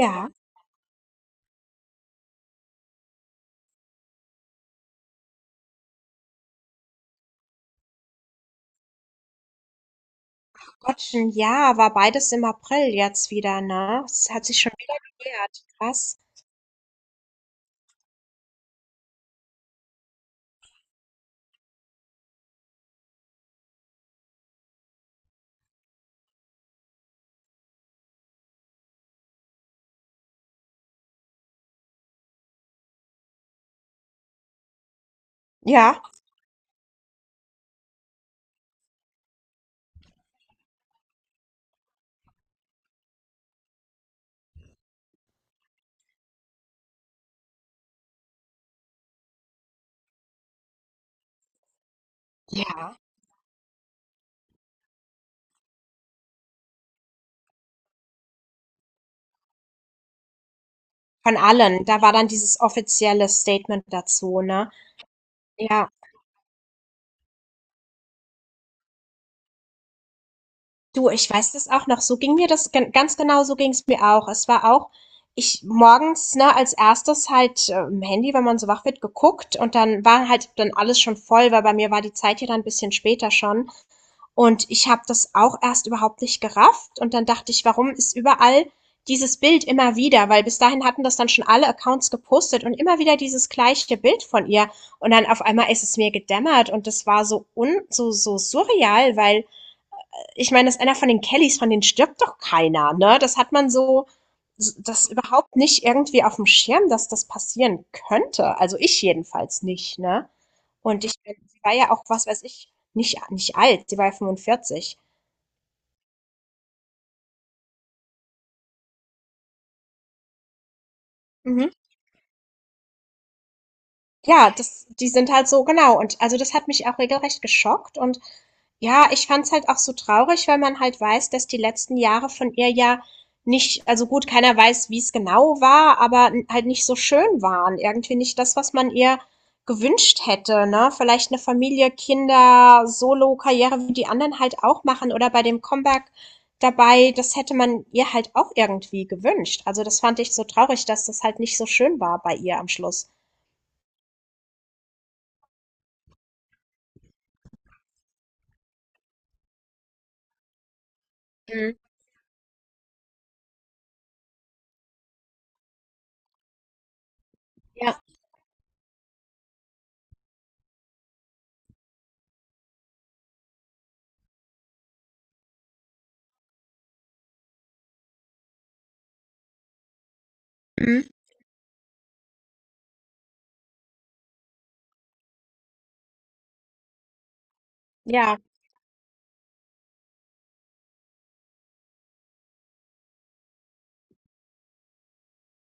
Ja, Gottchen, ja, war beides im April jetzt wieder, ne? Es hat sich schon wieder gejährt. Krass. Ja, ja, von allen. Da war dann dieses offizielle Statement dazu, ne? Ja. Du, ich weiß das auch noch. So ging mir das gen ganz genau, so ging's mir auch. Es war auch ich morgens, ne, als Erstes halt, im Handy, wenn man so wach wird, geguckt, und dann war halt dann alles schon voll, weil bei mir war die Zeit ja dann ein bisschen später schon. Und ich habe das auch erst überhaupt nicht gerafft und dann dachte ich: „Warum ist überall dieses Bild immer wieder?“ Weil bis dahin hatten das dann schon alle Accounts gepostet und immer wieder dieses gleiche Bild von ihr. Und dann auf einmal ist es mir gedämmert und das war so un so so surreal, weil ich meine, dass einer von den Kellys, von denen stirbt doch keiner, ne? Das hat man so, so, das überhaupt nicht irgendwie auf dem Schirm, dass das passieren könnte. Also ich jedenfalls nicht, ne? Und ich, sie war ja auch, was weiß ich, nicht, nicht alt, sie war ja 45. Mhm. Ja, das die sind halt so, genau. Und also das hat mich auch regelrecht geschockt. Und ja, ich fand's halt auch so traurig, weil man halt weiß, dass die letzten Jahre von ihr ja nicht, also gut, keiner weiß, wie es genau war, aber halt nicht so schön waren. Irgendwie nicht das, was man ihr gewünscht hätte, ne? Vielleicht eine Familie, Kinder, Solo, Karriere, wie die anderen halt auch machen, oder bei dem Comeback dabei, das hätte man ihr halt auch irgendwie gewünscht. Also das fand ich so traurig, dass das halt nicht so schön war bei ihr am Schluss. Mhm. Ja. Mhm. Ja.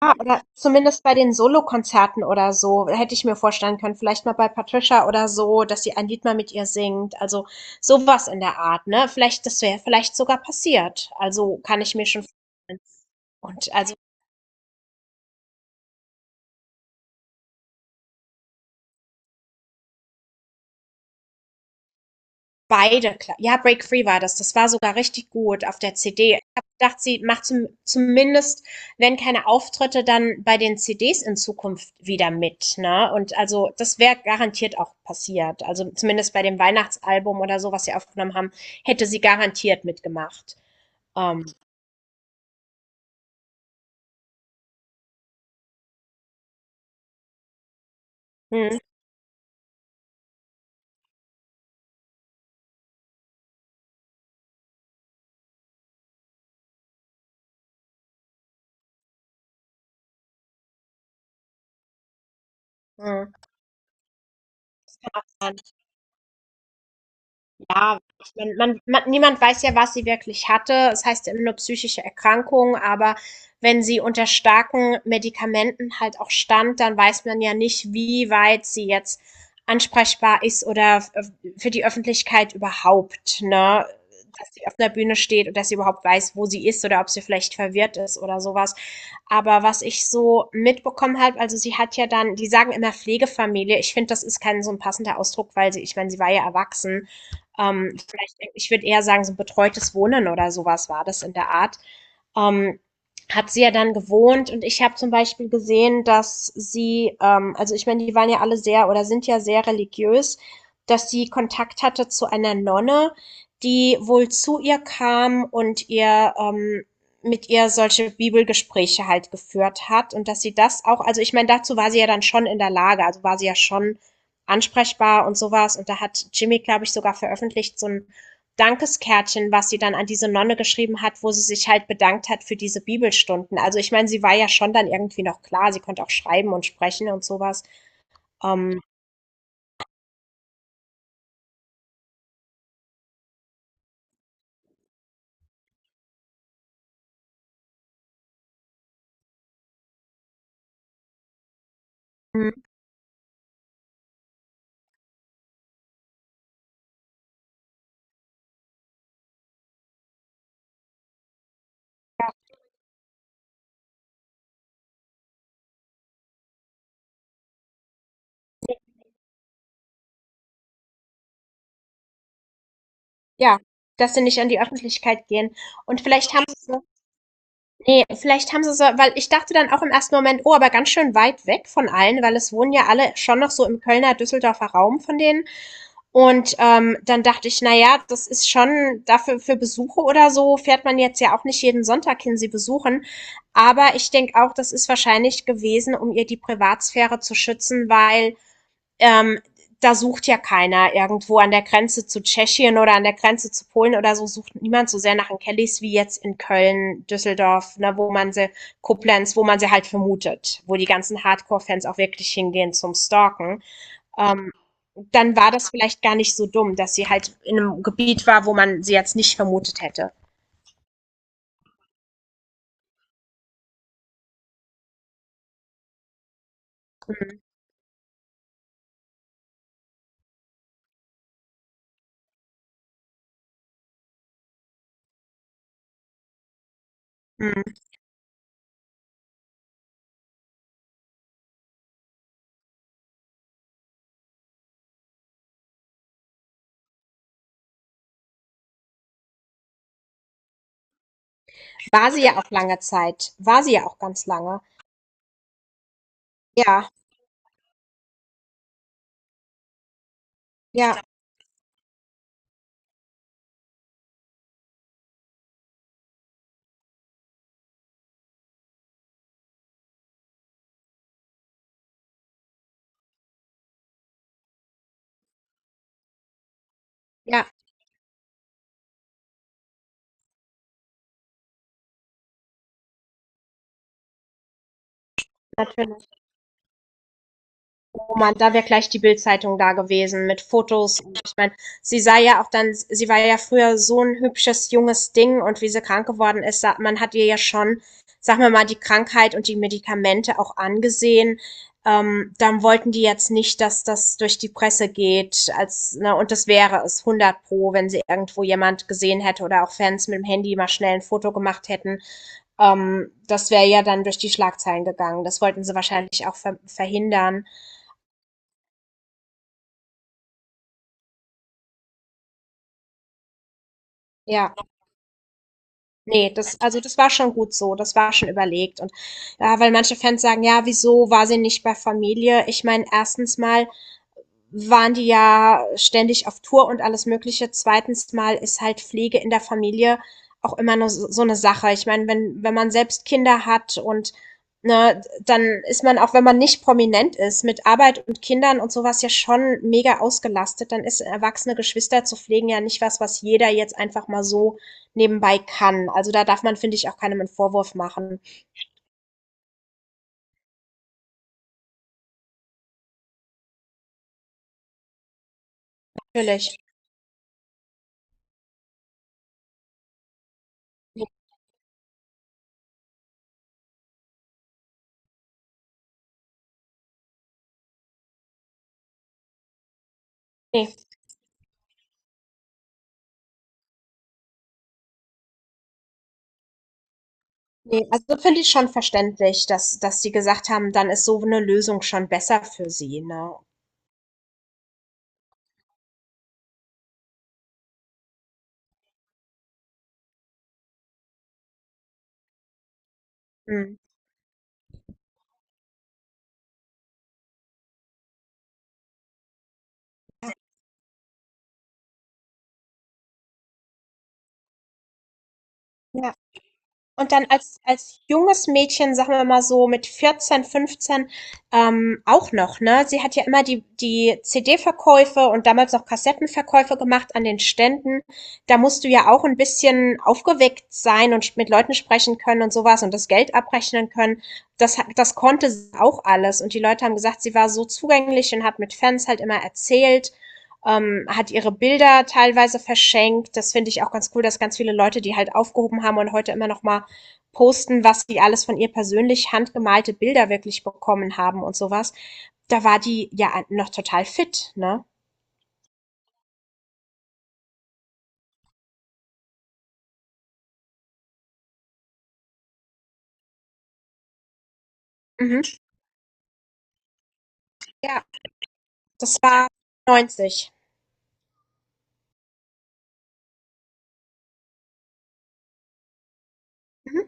Ah, oder zumindest bei den Solokonzerten oder so, hätte ich mir vorstellen können, vielleicht mal bei Patricia oder so, dass sie ein Lied mal mit ihr singt. Also sowas in der Art, ne? Vielleicht das wäre vielleicht sogar passiert. Also, kann ich mir schon vorstellen. Und also beide, ja, Break Free war das. Das war sogar richtig gut auf der CD. Ich habe gedacht, sie macht zum, zumindest, wenn keine Auftritte, dann bei den CDs in Zukunft wieder mit. Ne? Und also das wäre garantiert auch passiert. Also zumindest bei dem Weihnachtsalbum oder so, was sie aufgenommen haben, hätte sie garantiert mitgemacht. Ähm, hm, hm, kann auch sein. Ja, ich meine, man niemand weiß ja, was sie wirklich hatte. Es heißt ja immer nur psychische Erkrankung, aber wenn sie unter starken Medikamenten halt auch stand, dann weiß man ja nicht, wie weit sie jetzt ansprechbar ist, oder f für die Öffentlichkeit überhaupt, ne? Dass sie auf 'ner Bühne steht und dass sie überhaupt weiß, wo sie ist, oder ob sie vielleicht verwirrt ist oder sowas. Aber was ich so mitbekommen habe, also, sie hat ja dann, die sagen immer Pflegefamilie. Ich finde, das ist kein so ein passender Ausdruck, weil sie, ich meine, sie war ja erwachsen. Vielleicht, ich würde eher sagen, so ein betreutes Wohnen oder sowas war das, in der Art ähm, hat sie ja dann gewohnt. Und ich habe zum Beispiel gesehen, dass sie, also ich meine, die waren ja alle sehr oder sind ja sehr religiös, dass sie Kontakt hatte zu einer Nonne, die wohl zu ihr kam und ihr, mit ihr solche Bibelgespräche halt geführt hat, und dass sie das auch, also ich meine, dazu war sie ja dann schon in der Lage, also war sie ja schon ansprechbar und sowas. Und da hat Jimmy, glaube ich, sogar veröffentlicht, so ein Dankeskärtchen, was sie dann an diese Nonne geschrieben hat, wo sie sich halt bedankt hat für diese Bibelstunden. Also ich meine, sie war ja schon dann irgendwie noch klar, sie konnte auch schreiben und sprechen und sowas. Ähm, ja, ja, dass sie nicht an die Öffentlichkeit gehen. Und vielleicht haben sie so, ne, vielleicht haben sie so, weil ich dachte dann auch im ersten Moment: „Oh, aber ganz schön weit weg von allen“, weil es wohnen ja alle schon noch so im Kölner, Düsseldorfer Raum von denen. Und, dann dachte ich: „Na ja, das ist schon, dafür für Besuche oder so fährt man jetzt ja auch nicht jeden Sonntag hin, sie besuchen.“ Aber ich denke auch, das ist wahrscheinlich gewesen, um ihr die Privatsphäre zu schützen, weil ähm, da sucht ja keiner irgendwo an der Grenze zu Tschechien oder an der Grenze zu Polen oder so, sucht niemand so sehr nach den Kellys wie jetzt in Köln, Düsseldorf, ne, wo man sie, Koblenz, wo man sie halt vermutet, wo die ganzen Hardcore-Fans auch wirklich hingehen zum Stalken. Ähm, Dann war das vielleicht gar nicht so dumm, dass sie halt in einem Gebiet war, wo man sie jetzt nicht vermutet hätte. Hm. War sie ja auch lange Zeit. War sie ja auch ganz lange. Ja, ja, ja, natürlich. Oh Mann, da wäre gleich die Bildzeitung da gewesen mit Fotos. Ich meine, sie sah ja auch dann, sie war ja früher so ein hübsches junges Ding, und wie sie krank geworden ist, man hat ihr ja schon, sag mal die Krankheit und die Medikamente auch angesehen. Dann wollten die jetzt nicht, dass das durch die Presse geht, als, ne, und das wäre es hundert pro, wenn sie irgendwo jemand gesehen hätte oder auch Fans mit dem Handy mal schnell ein Foto gemacht hätten. Das wäre ja dann durch die Schlagzeilen gegangen. Das wollten sie wahrscheinlich auch verhindern. Ja. Nee, das, also das war schon gut so, das war schon überlegt. Und ja, weil manche Fans sagen: „Ja, wieso war sie nicht bei Familie?“ Ich meine, erstens mal waren die ja ständig auf Tour und alles Mögliche. Zweitens mal ist halt Pflege in der Familie auch immer nur so so eine Sache. Ich meine, wenn, man selbst Kinder hat und, ne, dann ist man, auch wenn man nicht prominent ist, mit Arbeit und Kindern und sowas ja schon mega ausgelastet. Dann ist erwachsene Geschwister zu pflegen ja nicht was, was jeder jetzt einfach mal so nebenbei kann. Also da darf man, finde ich, auch keinem einen Vorwurf machen. Natürlich. Nee. Ne, also finde ich schon verständlich, dass sie gesagt haben, dann ist so eine Lösung schon besser für sie, ne? Mhm. Ja. Und dann als junges Mädchen, sagen wir mal so mit 14, 15 auch noch, ne? Sie hat ja immer die CD-Verkäufe und damals noch Kassettenverkäufe gemacht an den Ständen. Da musst du ja auch ein bisschen aufgeweckt sein und mit Leuten sprechen können und sowas und das Geld abrechnen können. Das konnte sie auch alles. Und die Leute haben gesagt, sie war so zugänglich und hat mit Fans halt immer erzählt, hat ihre Bilder teilweise verschenkt. Das finde ich auch ganz cool, dass ganz viele Leute die halt aufgehoben haben und heute immer noch mal posten, was die alles von ihr persönlich handgemalte Bilder wirklich bekommen haben und sowas. Da war die ja noch total fit, ne? Mhm. Ja, das war 90. Mhm.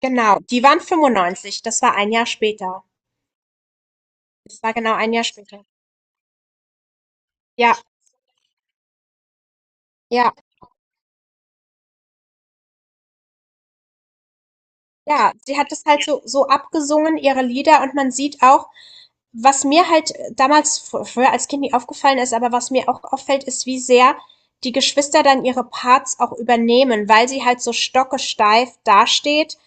Genau, die waren 95. Das war ein Jahr später. Das war genau ein Jahr später. Ja, ja, ja. Sie hat das halt so, so abgesungen, ihre Lieder, und man sieht auch, was mir halt damals früher als Kind nicht aufgefallen ist, aber was mir auch auffällt, ist, wie sehr die Geschwister dann ihre Parts auch übernehmen, weil sie halt so stockesteif dasteht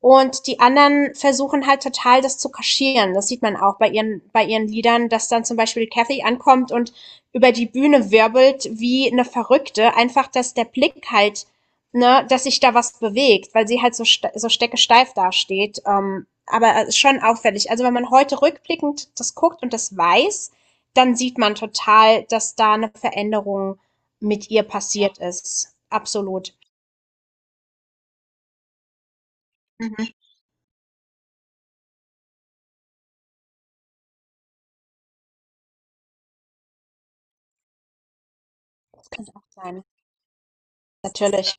und die anderen versuchen halt total, das zu kaschieren. Das sieht man auch bei ihren Liedern, dass dann zum Beispiel Kathy ankommt und über die Bühne wirbelt wie eine Verrückte. Einfach, dass der Blick halt, ne, dass sich da was bewegt, weil sie halt so, ste so steckesteif dasteht. Aber schon auffällig. Also wenn man heute rückblickend das guckt und das weiß, dann sieht man total, dass da eine Veränderung mit ihr passiert ist. Absolut. Mhm. Nein, natürlich.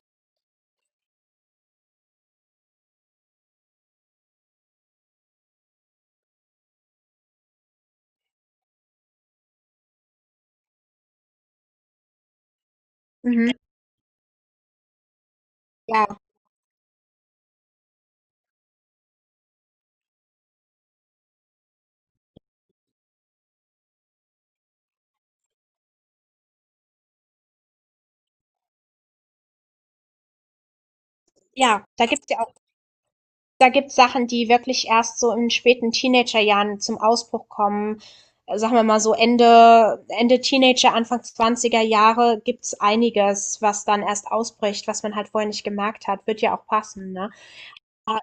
Mhm. Ja. Ja, da gibt's ja auch, da gibt's Sachen, die wirklich erst so in späten Teenagerjahren zum Ausbruch kommen. Sagen wir mal so Ende Teenager, Anfang 20er Jahre gibt's einiges, was dann erst ausbricht, was man halt vorher nicht gemerkt hat. Wird ja auch passen, ne? Ah,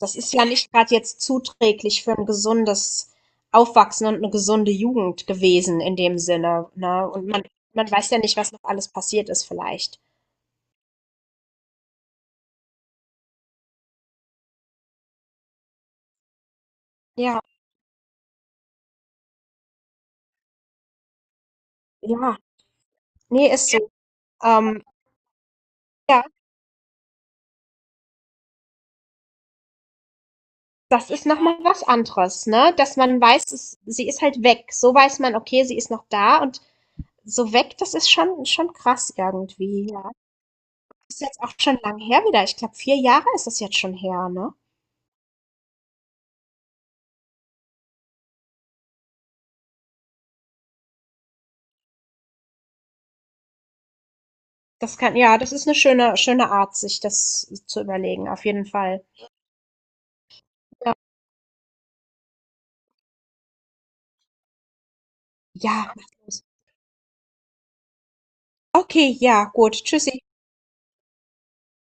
das ist ja nicht gerade jetzt zuträglich für ein gesundes Aufwachsen und eine gesunde Jugend gewesen in dem Sinne, ne? Und man weiß ja nicht, was noch alles passiert ist vielleicht. Ja, ja. Nee, ist so. Ähm, ja. Das ist nochmal was anderes, ne? Dass man weiß, es, sie ist halt weg. So weiß man, okay, sie ist noch da und so weg, das ist schon, schon krass irgendwie. Ja. Das ist jetzt auch schon lang her wieder. Ich glaube, 4 Jahre ist das jetzt schon her, ne? Das kann, ja, das ist eine schöne, schöne Art, sich das zu überlegen, auf jeden Fall. Ja, ja. Mach los. Okay, ja, gut. Tschüssi.